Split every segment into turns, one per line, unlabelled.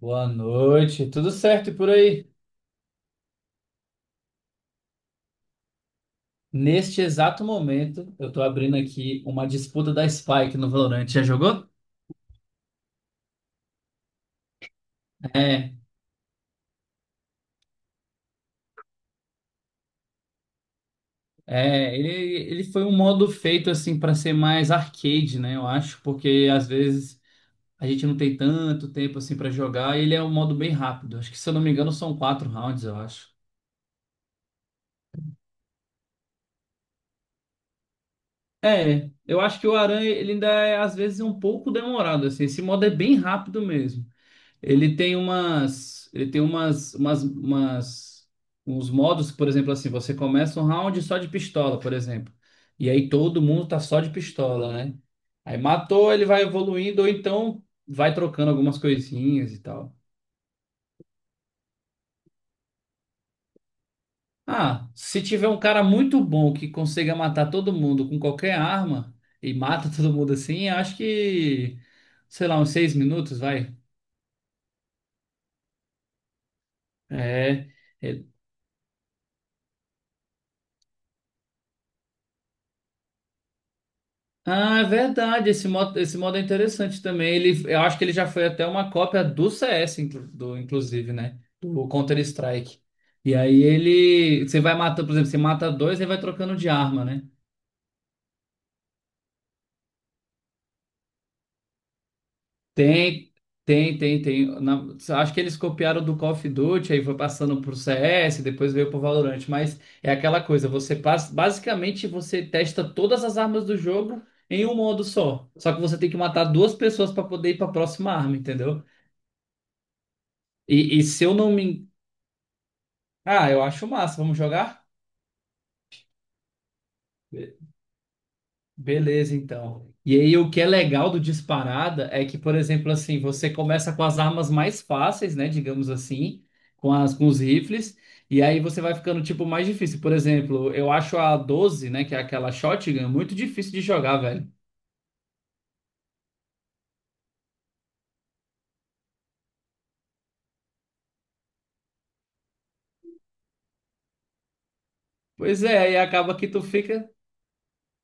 Boa noite, tudo certo e por aí? Neste exato momento, eu tô abrindo aqui uma disputa da Spike no Valorant. Já jogou? É, é, ele, ele foi um modo feito assim para ser mais arcade, né? Eu acho, porque às vezes a gente não tem tanto tempo assim para jogar e ele é um modo bem rápido. Acho que se eu não me engano são quatro rounds, eu acho. É, eu acho que o Aranha ele ainda é às vezes um pouco demorado assim. Esse modo é bem rápido mesmo. Ele tem umas, umas, umas, uns modos, por exemplo, assim, você começa um round só de pistola, por exemplo. E aí todo mundo tá só de pistola, né? Aí matou, ele vai evoluindo, ou então vai trocando algumas coisinhas e tal. Ah, se tiver um cara muito bom que consiga matar todo mundo com qualquer arma e mata todo mundo assim, acho que, sei lá, uns seis minutos, vai. É. Ah, é verdade. Esse modo é interessante também. Ele, eu acho que ele já foi até uma cópia do CS, inclusive, né? Do Counter-Strike. E aí ele. Você vai matando, por exemplo, você mata dois e vai trocando de arma, né? Tem, tem, tem, tem. Na- Acho que eles copiaram do Call of Duty, aí foi passando pro CS, depois veio pro Valorant. Mas é aquela coisa, você passa. Basicamente, você testa todas as armas do jogo em um modo só. Só que você tem que matar duas pessoas para poder ir para a próxima arma, entendeu? E se eu não me. Ah, eu acho massa, vamos jogar? Be- Beleza, então. E aí, o que é legal do disparada é que, por exemplo, assim, você começa com as armas mais fáceis, né? Digamos assim, com os rifles, e aí você vai ficando, tipo, mais difícil. Por exemplo, eu acho a 12 né? Que é aquela shotgun, muito difícil de jogar, velho. Pois é, aí acaba que tu fica.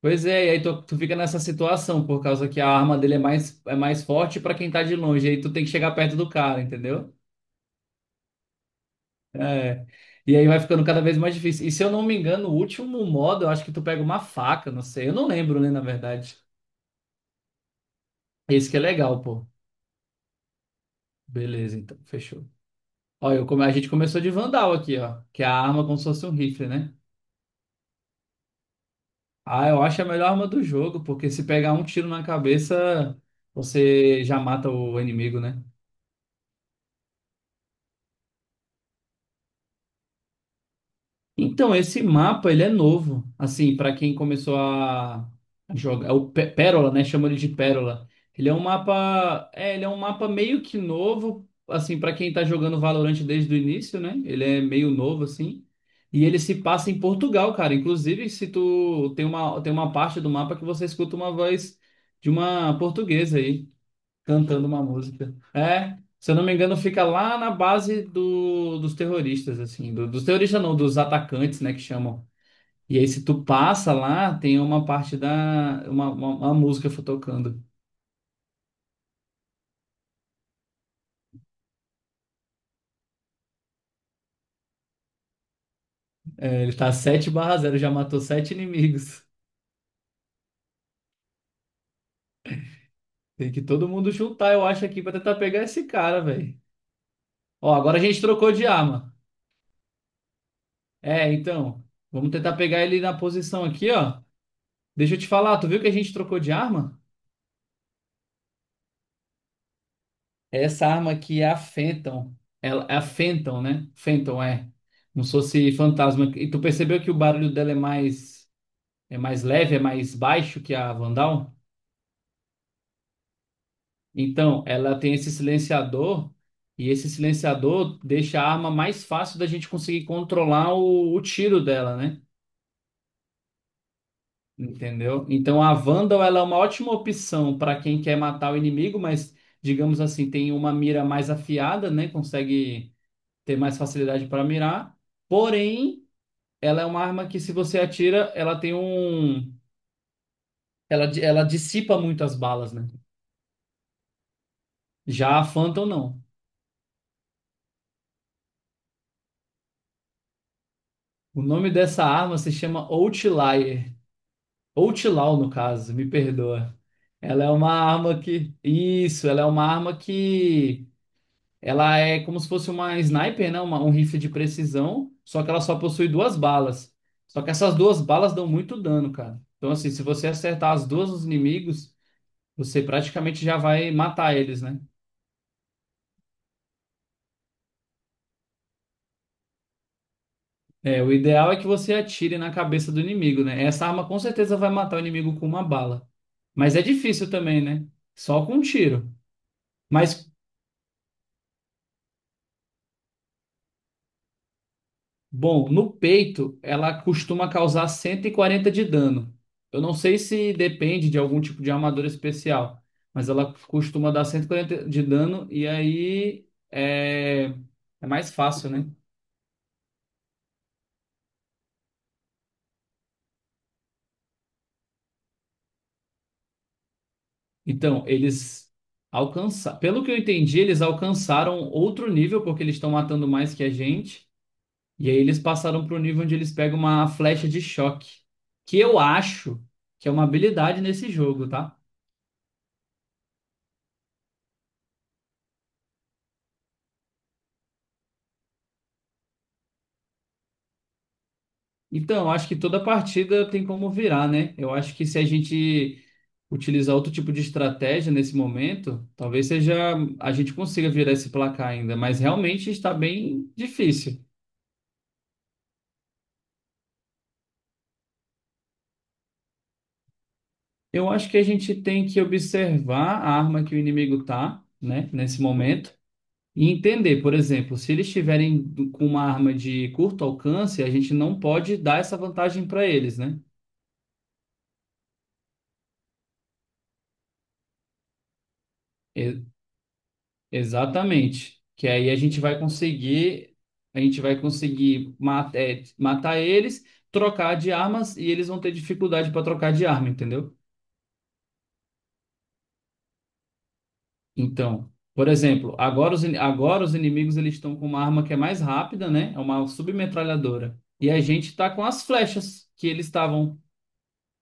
Pois é, e aí tu fica nessa situação, por causa que a arma dele é mais forte pra quem tá de longe, aí tu tem que chegar perto do cara, entendeu? É. E aí vai ficando cada vez mais difícil. E se eu não me engano, o último modo, eu acho que tu pega uma faca, não sei. Eu não lembro, né, na verdade. Esse que é legal, pô. Beleza, então, fechou. Ó, a gente começou de Vandal aqui, ó. Que é a arma como se fosse um rifle, né? Ah, eu acho a melhor arma do jogo, porque se pegar um tiro na cabeça, você já mata o inimigo, né? Então, esse mapa, ele é novo, assim, para quem começou a jogar, é o Pérola, né, chama ele de Pérola. Ele é um mapa, é, ele é um mapa meio que novo, assim, para quem tá jogando Valorant desde o início, né? Ele é meio novo assim. E ele se passa em Portugal, cara. Inclusive, se tu tem uma parte do mapa que você escuta uma voz de uma portuguesa aí cantando uma música. É, se eu não me engano, fica lá na base dos terroristas, assim, dos terroristas não, dos atacantes, né, que chamam. E aí, se tu passa lá, tem uma parte da, uma música tocando. É, ele tá sete barra zero, já matou sete inimigos. Tem que todo mundo juntar, eu acho, aqui pra tentar pegar esse cara, velho. Ó, agora a gente trocou de arma. É, então, vamos tentar pegar ele na posição aqui, ó. Deixa eu te falar, tu viu que a gente trocou de arma? Essa arma aqui é a Fenton. É a Fenton, né? Fenton é. Como se fosse fantasma. E tu percebeu que o barulho dela é mais leve, é mais baixo que a Vandal? Então, ela tem esse silenciador. E esse silenciador deixa a arma mais fácil da gente conseguir controlar o tiro dela, né? Entendeu? Então, a Vandal, ela é uma ótima opção para quem quer matar o inimigo, mas, digamos assim, tem uma mira mais afiada, né? Consegue ter mais facilidade para mirar. Porém, ela é uma arma que, se você atira, ela tem um. Ela dissipa muito as balas, né? Já a Phantom não. O nome dessa arma se chama Outlier. Outlaw, no caso, me perdoa. Ela é uma arma que. Isso, ela é uma arma que. Ela é como se fosse uma sniper, né? Um rifle de precisão, só que ela só possui duas balas. Só que essas duas balas dão muito dano, cara. Então, assim, se você acertar as duas nos inimigos. Você praticamente já vai matar eles, né? É, o ideal é que você atire na cabeça do inimigo, né? Essa arma com certeza vai matar o inimigo com uma bala. Mas é difícil também, né? Só com um tiro. Mas, bom, no peito, ela costuma causar 140 de dano. Eu não sei se depende de algum tipo de armadura especial, mas ela costuma dar 140 de dano e aí é, é mais fácil, né? Então, eles alcançaram. Pelo que eu entendi, eles alcançaram outro nível, porque eles estão matando mais que a gente. E aí eles passaram para o nível onde eles pegam uma flecha de choque. Que eu acho que é uma habilidade nesse jogo, tá? Então, eu acho que toda partida tem como virar, né? Eu acho que se a gente utilizar outro tipo de estratégia nesse momento, talvez seja a gente consiga virar esse placar ainda. Mas realmente está bem difícil. Eu acho que a gente tem que observar a arma que o inimigo tá, né, nesse momento, e entender, por exemplo, se eles estiverem com uma arma de curto alcance, a gente não pode dar essa vantagem para eles, né? E- exatamente. Que aí a gente vai conseguir, a gente vai conseguir é, matar eles, trocar de armas e eles vão ter dificuldade para trocar de arma, entendeu? Então, por exemplo, agora os inimigos eles estão com uma arma que é mais rápida, né? É uma submetralhadora. E a gente tá com as flechas que eles estavam,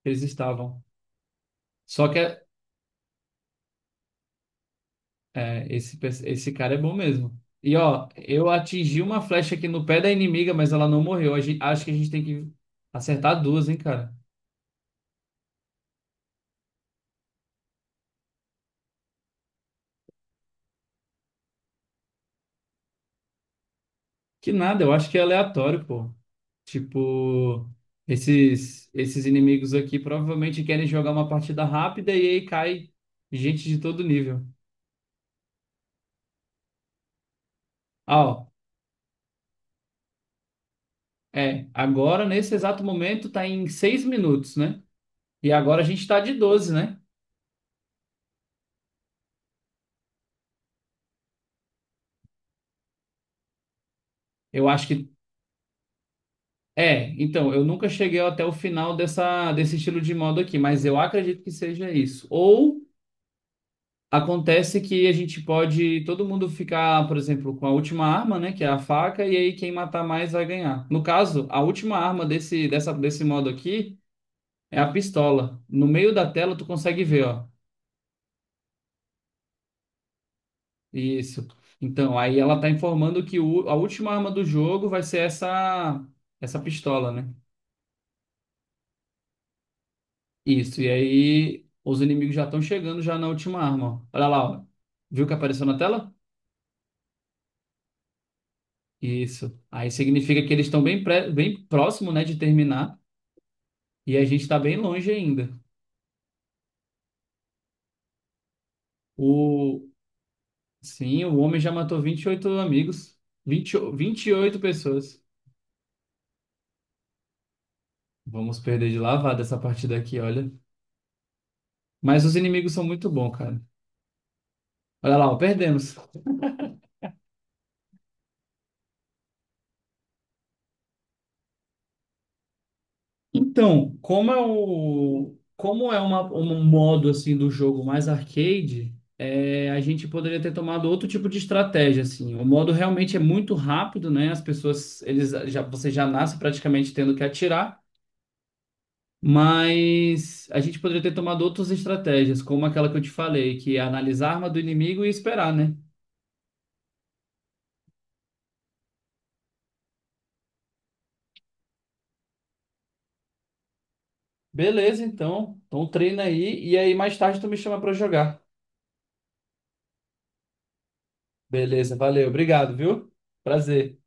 que eles estavam. Só que é, é, esse, pe- esse cara é bom mesmo. E ó, eu atingi uma flecha aqui no pé da inimiga, mas ela não morreu. Acho que a gente tem que acertar duas, hein, cara? Que nada, eu acho que é aleatório, pô. Tipo, esses inimigos aqui provavelmente querem jogar uma partida rápida e aí cai gente de todo nível. Ah, ó, é, agora nesse exato momento tá em 6 minutos, né? E agora a gente tá de 12, né? Eu acho que é, então, eu nunca cheguei até o final dessa desse estilo de modo aqui, mas eu acredito que seja isso. Ou acontece que a gente pode todo mundo ficar, por exemplo, com a última arma, né, que é a faca, e aí quem matar mais vai ganhar. No caso, a última arma desse modo aqui é a pistola. No meio da tela tu consegue ver, ó. Isso. Então, aí ela tá informando que a última arma do jogo vai ser essa, essa pistola, né? Isso. E aí os inimigos já estão chegando já na última arma, ó. Olha lá, ó. Viu que apareceu na tela? Isso. Aí significa que eles estão bem, bem próximo, né, de terminar. E a gente está bem longe ainda. O, sim, o homem já matou 28 amigos, vinte e oito pessoas. Vamos perder de lavada essa partida aqui, olha. Mas os inimigos são muito bons, cara. Olha lá, ó, perdemos. Então, como é uma, um modo assim do jogo mais arcade, é, a gente poderia ter tomado outro tipo de estratégia, assim. O modo realmente é muito rápido, né? As pessoas, eles já, você já nasce praticamente tendo que atirar. Mas a gente poderia ter tomado outras estratégias, como aquela que eu te falei, que é analisar a arma do inimigo e esperar, né? Beleza, então. Então treina aí e aí mais tarde tu me chama pra jogar. Beleza, valeu, obrigado, viu? Prazer.